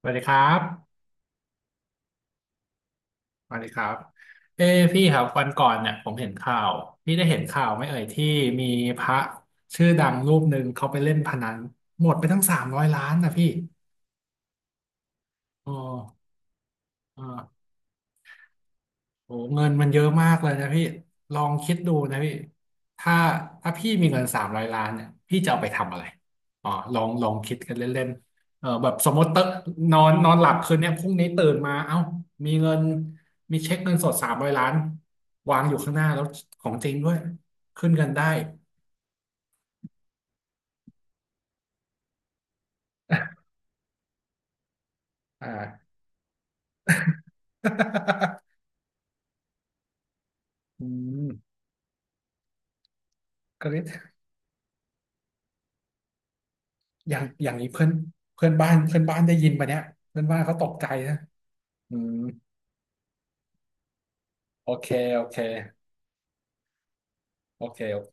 สวัสดีครับ สวัสดีครับเอ้พี่ครับวันก่อนเนี่ยผมเห็นข่าว พี่ได้เห็นข่าวไหม่เอ่ยที่มีพระชื่อดังรูปหนึ่งเขาไปเล่นพนันหมดไปทั้งสามร้อยล้านนะพี่อ๋ออ๋อ โอ้เงินมันเยอะมากเลยนะพี่ลองคิดดูนะพี่ถ้าถ้าพี่มีเงินสามร้อยล้านเนี่ยพี่จะเอาไปทำอะไรอ๋อลองคิดกันเล่นๆแบบสมมตินอนนอนหลับคืนเนี้ยพรุ่งนี้ตื่นมาเอ้ามีเงินมีเช็คเงินสดสามร้อยล้านวางอยู่ข้างหน้าแล้วของจริงด้วยขึ้นเงินได้ อ่า อืมก็เลอย่างนี้เพื่อนเพื่อนบ้านได้ยินปะเนี่ยเพื่อนบ้านเขาตกใจนะอืมโอเคโอเค โอเคโอเค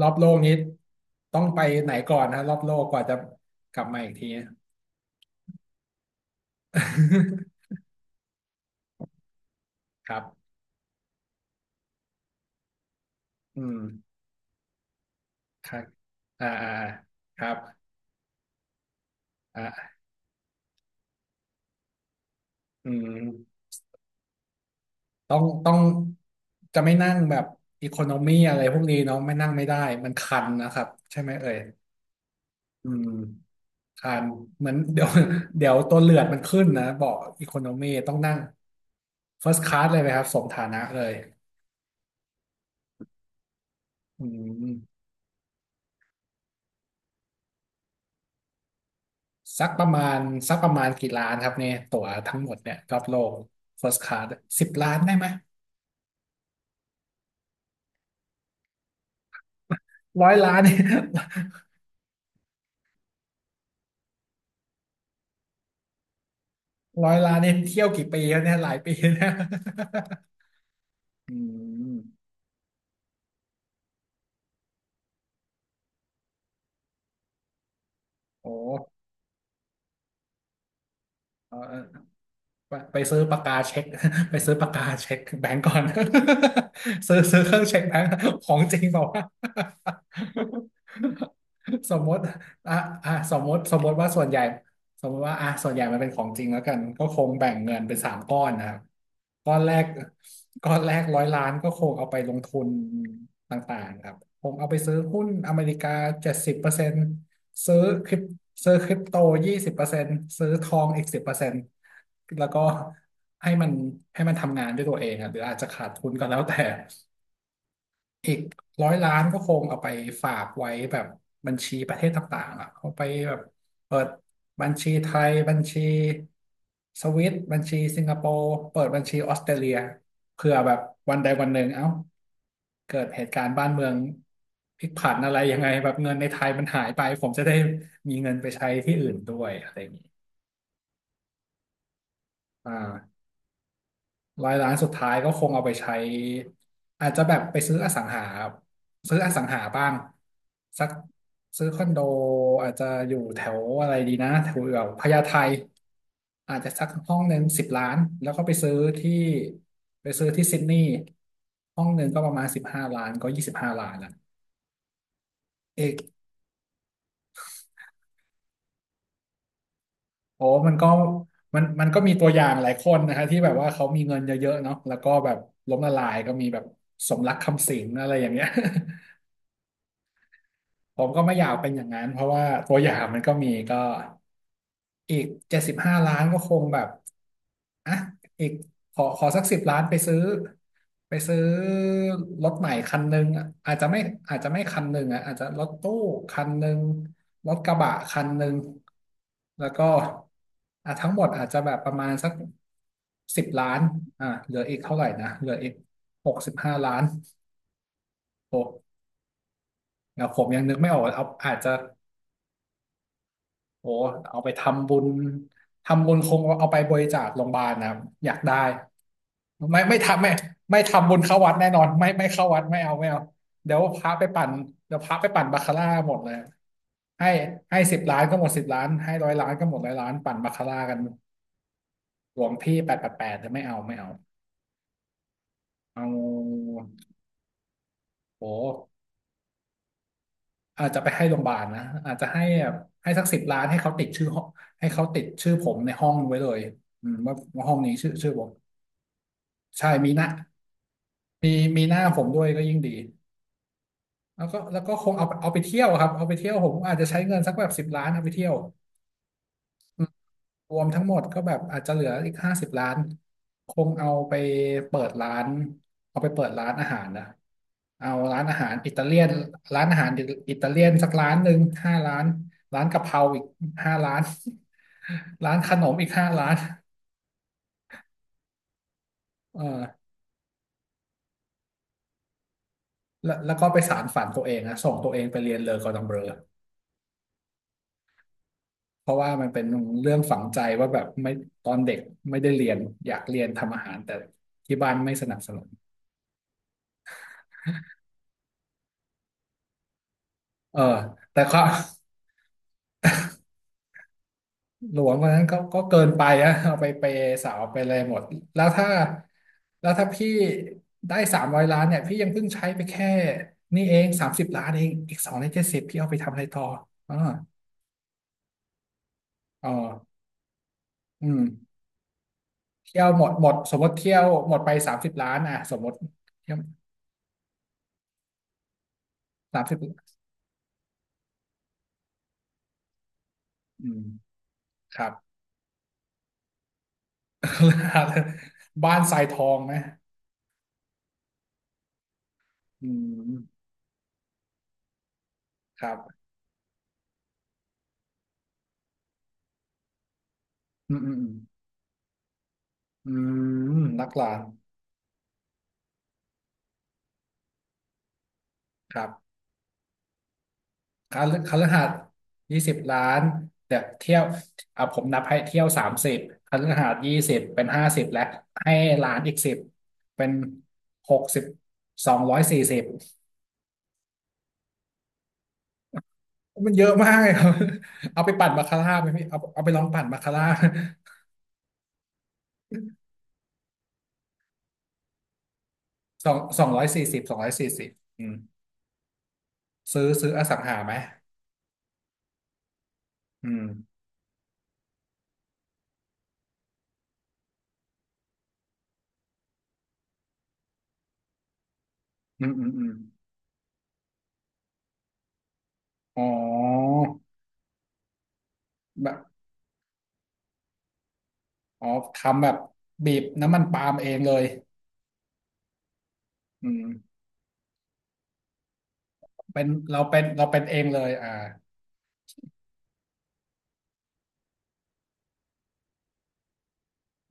รอบโลกนี้ต้องไปไหนก่อนนะรอบโลกกว่าจะกลับมาอีกที ครับอืมครับอ่าอ่าอ่าครับอ่าอืมต้องจะไม่นั่งแบบอีโคโนมีอะไรพวกนี้เนาะไม่นั่งไม่ได้มันคันนะครับใช่ไหมเอ่ยอืมคันเหมือน เดี๋ยวตัวเลือดมันขึ้นนะเบาะอีโคโนมีต้องนั่ง first class เลยไหมครับสมฐานะเลยอืม สักประมาณสักประมาณกี่ล้านครับเนี่ยตั๋วทั้งหมดเนี่ยรอบโลก first class 10 ล้านได้ไหม100 ล้านเนี่ย 100 ล้านเนี่ยเที่ยวกี่ปีแล้วเนี่ยหลายปีนะ อืมโอ้เออ ไปซื้อปากกาเช็ค ไปซื้อปากกาเช็คแบงก์ก่อน ซื้อเครื่องเช็คแบงก์ของจริงบอกว่าวะ สมมติอ่ะอ่ะสมมติว่าส่วนใหญ่สมมติว่าอ่ะส่วนใหญ่มันเป็นของจริงแล้วกันก็คงแบ่งเงินเป็นสามก้อนนะครับก้อนแรกก้อนแรกร้อยล้านก็คงเอาไปลงทุนต่างๆครับคงเอาไปซื้อหุ้นอเมริกา70% ซื้อคริปซื้อคริปโต20%ซื้อทองอีกสิบเปอร์เซ็นต์แล้วก็ให้มันให้มันทำงานด้วยตัวเองอะหรืออาจจะขาดทุนก็แล้วแต่ อีก100 ล้านก็คงเอาไปฝากไว้แบบบัญชีประเทศต่างๆอ่ะเอาไปแบบเปิดบัญชีไทยบัญชีสวิตบัญชีสิงคโปร์เปิดบัญชีออสเตรเลียเผื่อแบบวันใดวันหนึ่งเอ้าเกิดเหตุการณ์บ้านเมืองพลิกผันอะไรยังไงแบบเงินในไทยมันหายไปผมจะได้มีเงินไปใช้ที่อื่นด้วยอะไรอย่างนี้อ่า ร้อยล้านสุดท้ายก็คงเอาไปใช้อาจจะแบบไปซื้ออสังหาซื้ออสังหาบ้างสักซื้อคอนโดอาจจะอยู่แถวอะไรดีนะแถวพญาไทอาจจะสักห้องหนึ่งสิบล้านแล้วก็ที่ไปซื้อที่ซิดนีย์ห้องหนึ่งก็ประมาณสิบห้าล้านก็25 ล้านละเอกโอ้มันก็มันก็มีตัวอย่างหลายคนนะคะที่แบบว่าเขามีเงินเยอะๆเนาะแล้วก็แบบล้มละลายก็มีแบบสมรักคำสิงห์อะไรอย่างเงี้ย ผมก็ไม่อยากเป็นอย่างนั้นเพราะว่าตัวอย่างมันก็มีก็อีก75 ล้านก็คงแบบอ่ะอีกขอสักสิบล้านไปซื้อรถใหม่คันหนึ่งอะอาจจะไม่คันหนึ่งอ่ะอาจจะรถตู้คันหนึ่งรถกระบะคันหนึ่งแล้วก็อ่ะทั้งหมดอาจจะแบบประมาณสักสิบล้านอ่ะเหลืออีกเท่าไหร่นะเหลืออีก65 ล้านโอ้แล้วผมยังนึกไม่ออกเอาอาจจะ โอ้เอาไปทำบุญคงเอาไปบริจาคโรงพยาบาลนะครับอยากได้ไม่ไม่ทำไม่ไม่ทำบุญเข้าวัดแน่นอนไม่เข้าวัดไม่เอาไม่เอาเดี๋ยวพระไปปั่นเดี๋ยวพระไปปั่นบาคาร่าหมดเลยให้ให้สิบล้านก็หมดสิบล้านให้ร้อยล้านก็หมดร้อยล้านปั่นบาคาร่ากันหลวงพี่888จะไม่เอาไม่เอาเอาโอ้อาจจะไปให้โรงพยาบาลนะอาจจะให้แบบให้สักสิบล้านให้เขาติดชื่อห้องให้เขาติดชื่อผมในห้องไว้เลยอืมว่าห้องนี้ชื่อผม ใช่มีหน้ามีมีหน้าผมด้วยก็ยิ่งดีแล้วก็คงเอาไปเที่ยวครับเอาไปเที่ยวผมอาจจะใช้เงินสักแบบสิบล้านเอาไปเที่ยวรวมทั้งหมดก็แบบอาจจะเหลืออีก50 ล้านคงเปิดร้านเอาไปเปิดร้านอาหารนะเอาร้านอาหารอิตาเลียนร้านอาหารอิตาเลียนสักร้านหนึ่งห้าร้านร้านกะเพราอีกห้าร้าน ร้านขนมอีก5 ร้านเออแล้วก็ไปสานฝันตัวเองนะส่งตัวเองไปเรียนเลอกอร์ดองเบลอ เพราะว่ามันเป็นเรื่องฝังใจว่าแบบไม่ตอนเด็กไม่ได้เรียนอยากเรียนทำอาหารแต่ที่บ้านไม่สนับสนุนเออแต่ก็ หลวงคนนั้นก็เกินไปนะเอาไปเปย์สาวไปเลยหมดแล้วถ้าแล้วถ้าพี่ได้300 ล้านเนี่ยพี่ยังเพิ่งใช้ไปแค่นี่เองสามสิบล้านเองอีกสองใน70พี่เอาไปทำอะไรต่ออ่าอ๋ออืมเที่ยวหมดหมดสมมติเที่ยวหมดไปสามสิบล้านอ่ะสมมติเที่ยวสามสิบอืมครับ บ้านทรายทองไหมอืมครับอืมอืมอืมอืมนักหลานครับคฤหาสน์20 ล้านเดี๋ยวเที่ยวอ่ะผมนับให้เที่ยวสามสิบคฤหาสน์ยี่สิบเป็นห้าสิบแล้วให้ล้านอีกสิบเป็น60สองร้อยสี่สิบมันเยอะมากเลยครับ เอาไปปั่นบาคาร่าไหมพี่เอาไปลองปั่นบาคาร่า สองร้อยสี่สิบสองร้อยสี่สิบอืมซื้ออสังหาไหมอืมอืมอืมอืม อ๋อแบบอ๋อทำแบบบีบน้ำมันปาล์มเองเลยอืมเป็นเราเป็นเราเป็นเองเลยอ่า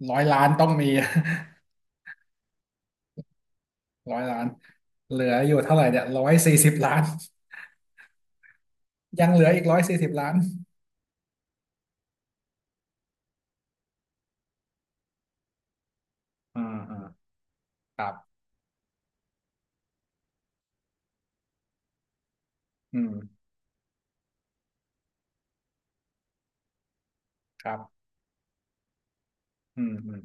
ร้อยล้านต้องมี 100 ล้านเหลืออยู่เท่าไหร่เนี่ยร้อยสี่สิบล้านยังเหลืออีกร้อยสี่สิบล้านอ่าอ่าครับอืมครับอืมอืม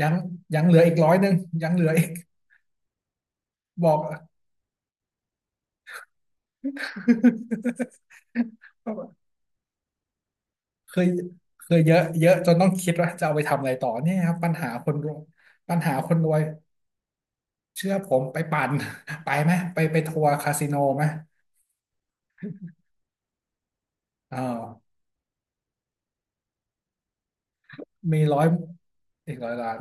ยังยังเหลืออีก100ยังเหลืออีกบอก เคยเคยเยอะเยอะจนต้องคิดว่าจะเอาไปทำอะไรต่อเนี่ยครับปัญหาคนรวยปัญหาคนรวย เชื่อผมไปปั่น ไปไหมไปทัวร์คาสิโนไหมอ่าวมีร้อยอีกร้อยล้าน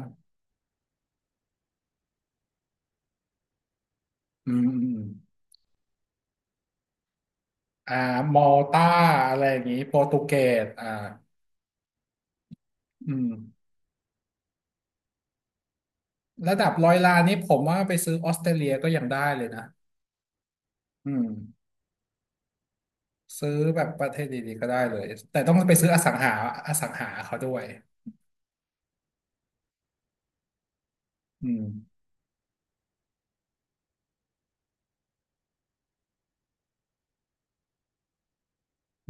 อืมอืมอ่ามอลต้าอะไรอย่างนี้โปรตุเกสอ่าอืมระดับร้อยล้านนี้ผมว่าไปซื้อออสเตรเลียก็ยังได้เลยนะอืมซื้อแบบประเทศดีๆก็ได้เลยแต่ต้องไปซื้ออสังหาอสังหาเขาด้วยอืม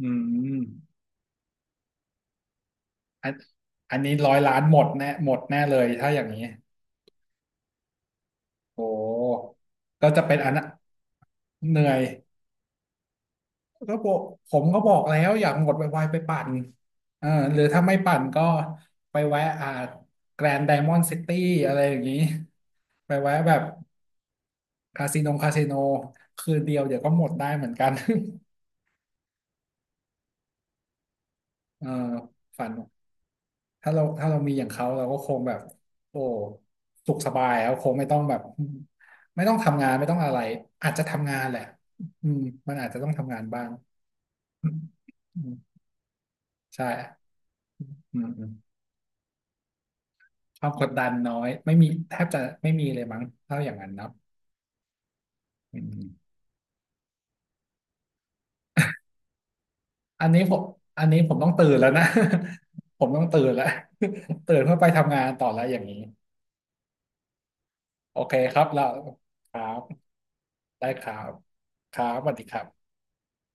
อืมอันอันนี้ร้อยล้านหมดแน่หมดแน่เลยถ้าอย่างนี้โอ้ก็จะเป็นอันน่ะเหนื่อย ก็บอกผมก็บอกแล้วอยากหมดไวๆไปปั่นเออหรือถ้าไม่ปั่นก็ไปแวะอ่าแกรนด์ไดมอนด์ซิตี้อะไรอย่างนี้ไปแวะแบบคาสิโนคาสิโนคืนเดียวเดี๋ยวก็หมดได้เหมือนกัน เออฝันถ้าเรามีอย่างเขาเราก็คงแบบโอ้สุขสบายแล้วคงไม่ต้องแบบไม่ต้องทำงานไม่ต้องอะไรอาจจะทำงานแหละอืมมันอาจจะต้องทำงานบ้าง อืมใช่อืม ความกดดันน้อยไม่มีแทบจะไม่มีเลยมั้งถ้าอย่างนั้นเนาะอืมอันนี้ผมอันนี้ผมต้องตื่นแล้วนะ ผมต้องตื่นแล้ว ตื่นเพื่อไปทำงานต่อแล้วอย่างนี้โอเคครับเราครับได้ครับครับสวัสดีครับ